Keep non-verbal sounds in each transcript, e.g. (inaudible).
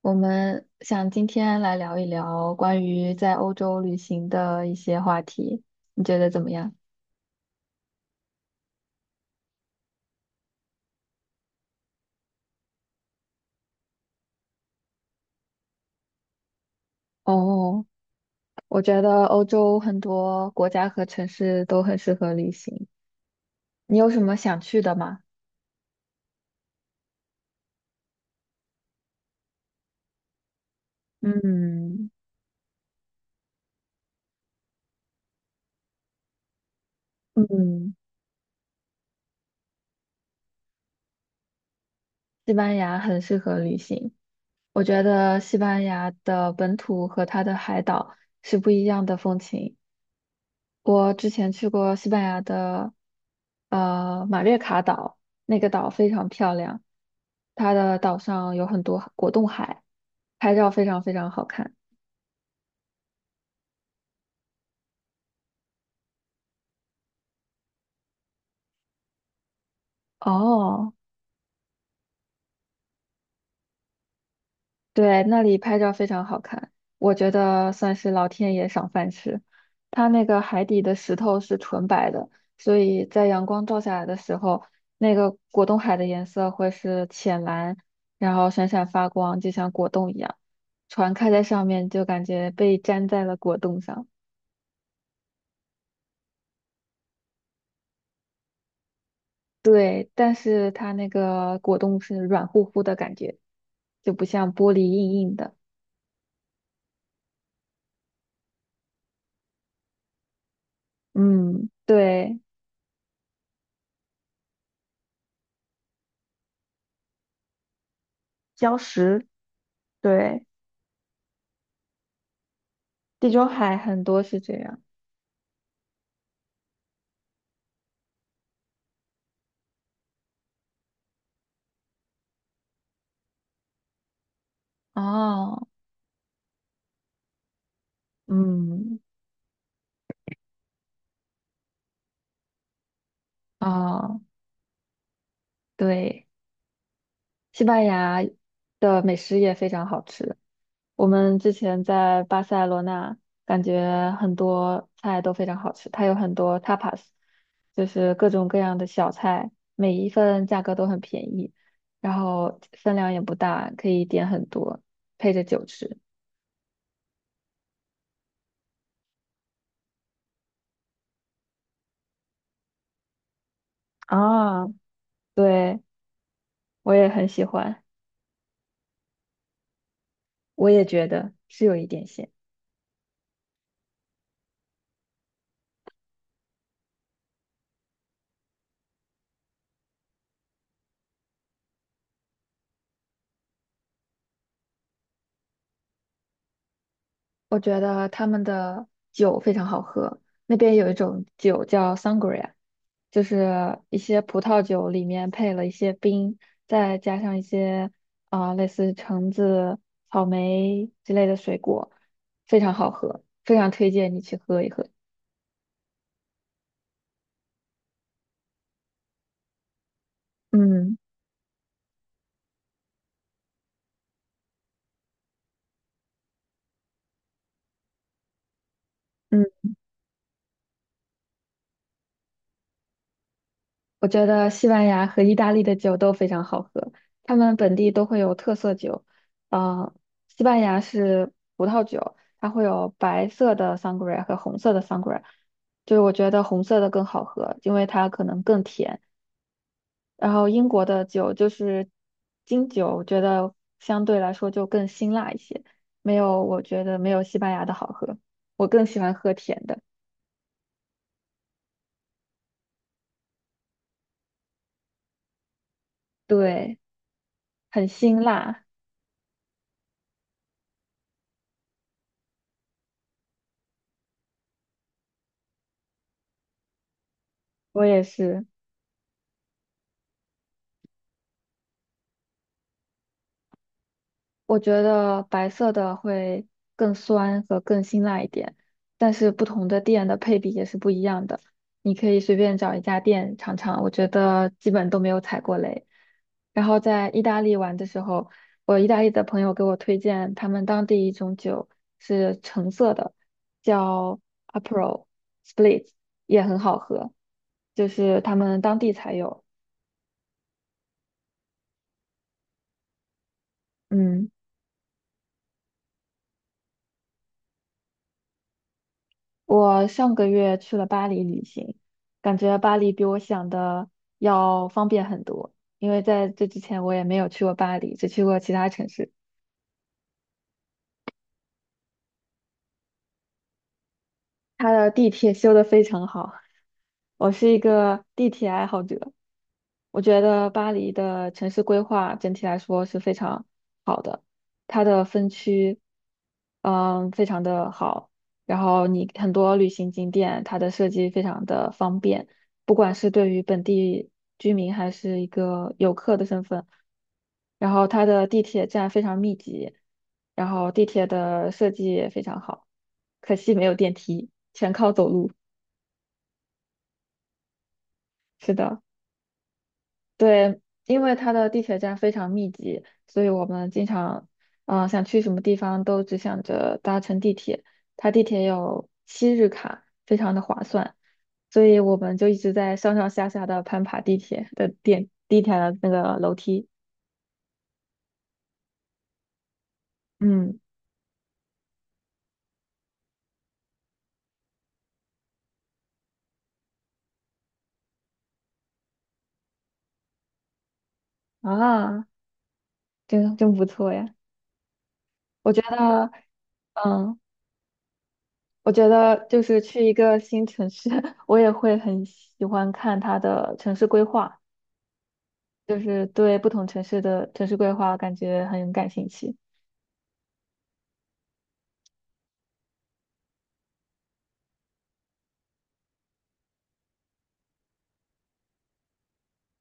我们想今天来聊一聊关于在欧洲旅行的一些话题，你觉得怎么样？哦，我觉得欧洲很多国家和城市都很适合旅行。你有什么想去的吗？嗯嗯，西班牙很适合旅行。我觉得西班牙的本土和它的海岛是不一样的风情。我之前去过西班牙的，马略卡岛，那个岛非常漂亮，它的岛上有很多果冻海，拍照非常非常好看。哦，对，那里拍照非常好看，我觉得算是老天爷赏饭吃。它那个海底的石头是纯白的，所以在阳光照下来的时候，那个果冻海的颜色会是浅蓝，然后闪闪发光，就像果冻一样。船开在上面，就感觉被粘在了果冻上。对，但是它那个果冻是软乎乎的感觉，就不像玻璃硬硬的。嗯，对，礁石，对。地中海很多是这样。哦，嗯，哦，对，西班牙的美食也非常好吃。我们之前在巴塞罗那，感觉很多菜都非常好吃，它有很多 tapas，就是各种各样的小菜，每一份价格都很便宜，然后分量也不大，可以点很多，配着酒吃。啊，对，我也很喜欢，我也觉得是有一点咸。我觉得他们的酒非常好喝，那边有一种酒叫 sangria，就是一些葡萄酒里面配了一些冰，再加上一些类似橙子、草莓之类的水果，非常好喝，非常推荐你去喝一喝。嗯嗯。我觉得西班牙和意大利的酒都非常好喝，他们本地都会有特色酒。呃，西班牙是葡萄酒，它会有白色的 sangria 和红色的 sangria，就是我觉得红色的更好喝，因为它可能更甜。然后英国的酒就是金酒，我觉得相对来说就更辛辣一些，没有，我觉得没有西班牙的好喝。我更喜欢喝甜的，对，很辛辣，我也是。我觉得白色的会更酸和更辛辣一点，但是不同的店的配比也是不一样的。你可以随便找一家店尝尝，我觉得基本都没有踩过雷。然后在意大利玩的时候，我意大利的朋友给我推荐他们当地一种酒是橙色的，叫 Aperol Spritz，也很好喝，就是他们当地才有。嗯。我上个月去了巴黎旅行，感觉巴黎比我想的要方便很多。因为在这之前我也没有去过巴黎，只去过其他城市。它的地铁修得非常好，我是一个地铁爱好者。我觉得巴黎的城市规划整体来说是非常好的，它的分区，非常的好。然后你很多旅行景点，它的设计非常的方便，不管是对于本地居民还是一个游客的身份。然后它的地铁站非常密集，然后地铁的设计也非常好，可惜没有电梯，全靠走路。是的。对，因为它的地铁站非常密集，所以我们经常，想去什么地方都只想着搭乘地铁。它地铁有七日卡，非常的划算，所以我们就一直在上上下下的攀爬地铁的那个楼梯。嗯，啊，真真不错呀！我觉得，嗯，我觉得就是去一个新城市，(laughs) 我也会很喜欢看它的城市规划。就是对不同城市的城市规划感觉很感兴趣。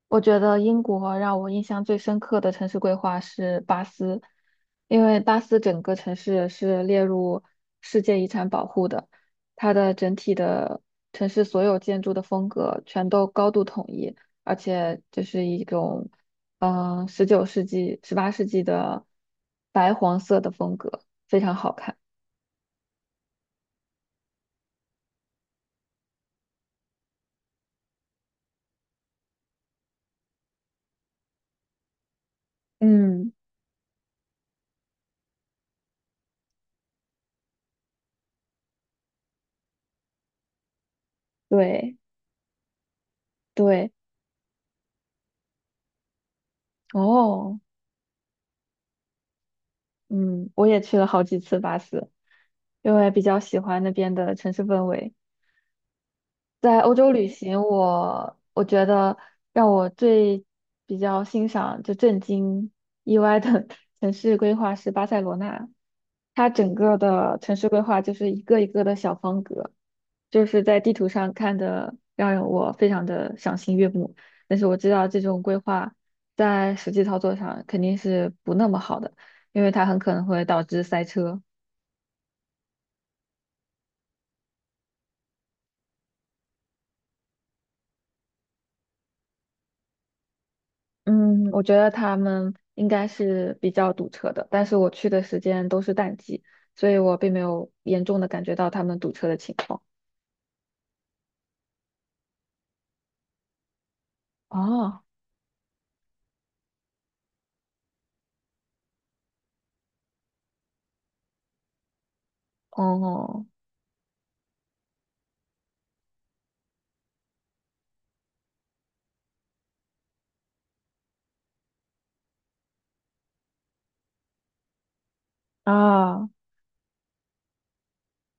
我觉得英国让我印象最深刻的城市规划是巴斯，因为巴斯整个城市是列入世界遗产保护的，它的整体的城市所有建筑的风格全都高度统一，而且就是一种19世纪、18世纪的白黄色的风格，非常好看。嗯，对对，哦。嗯，我也去了好几次巴斯，因为比较喜欢那边的城市氛围。在欧洲旅行我觉得让我最比较欣赏、就震惊、意外的 (laughs) 城市规划是巴塞罗那。它整个的城市规划就是一个一个的小方格，就是在地图上看的，让我非常的赏心悦目。但是我知道这种规划在实际操作上肯定是不那么好的，因为它很可能会导致塞车。嗯，我觉得他们应该是比较堵车的，但是我去的时间都是淡季，所以我并没有严重的感觉到他们堵车的情况。哦哦啊，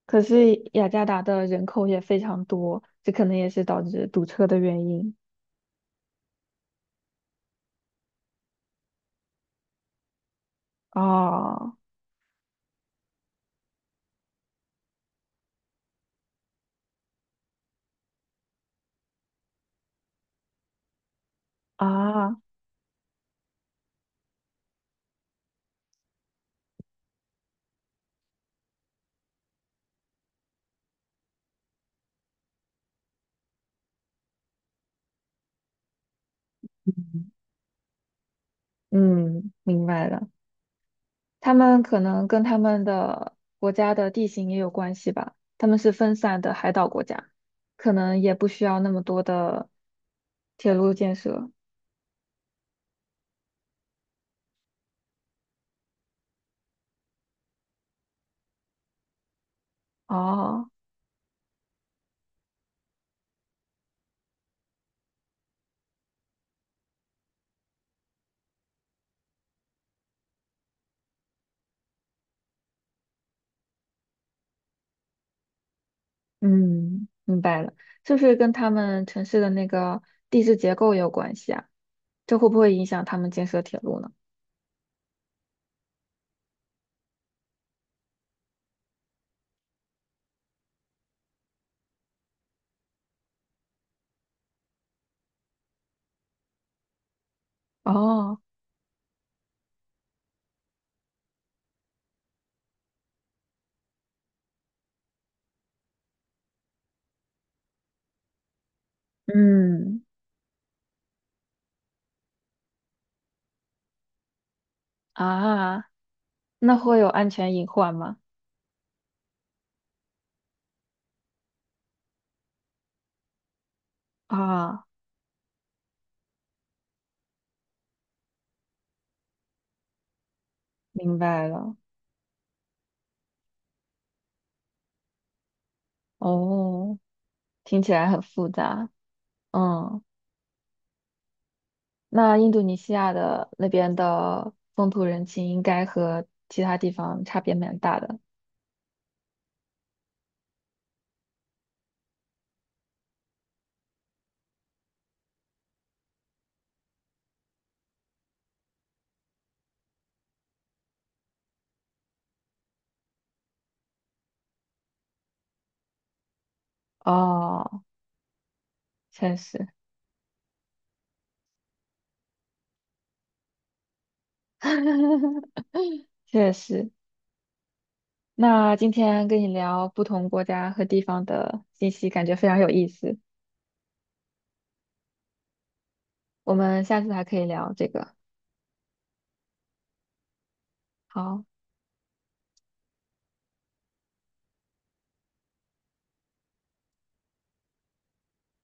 可是雅加达的人口也非常多，这可能也是导致堵车的原因。哦啊，嗯，明白了。他们可能跟他们的国家的地形也有关系吧，他们是分散的海岛国家，可能也不需要那么多的铁路建设。哦，嗯，明白了，就是跟他们城市的那个地质结构也有关系啊，这会不会影响他们建设铁路呢？哦，嗯，啊，那会有安全隐患吗？啊，明白了，哦，听起来很复杂，嗯。那印度尼西亚的那边的风土人情应该和其他地方差别蛮大的哦，确实，(laughs) 确实。那今天跟你聊不同国家和地方的信息，感觉非常有意思。我们下次还可以聊这个。好。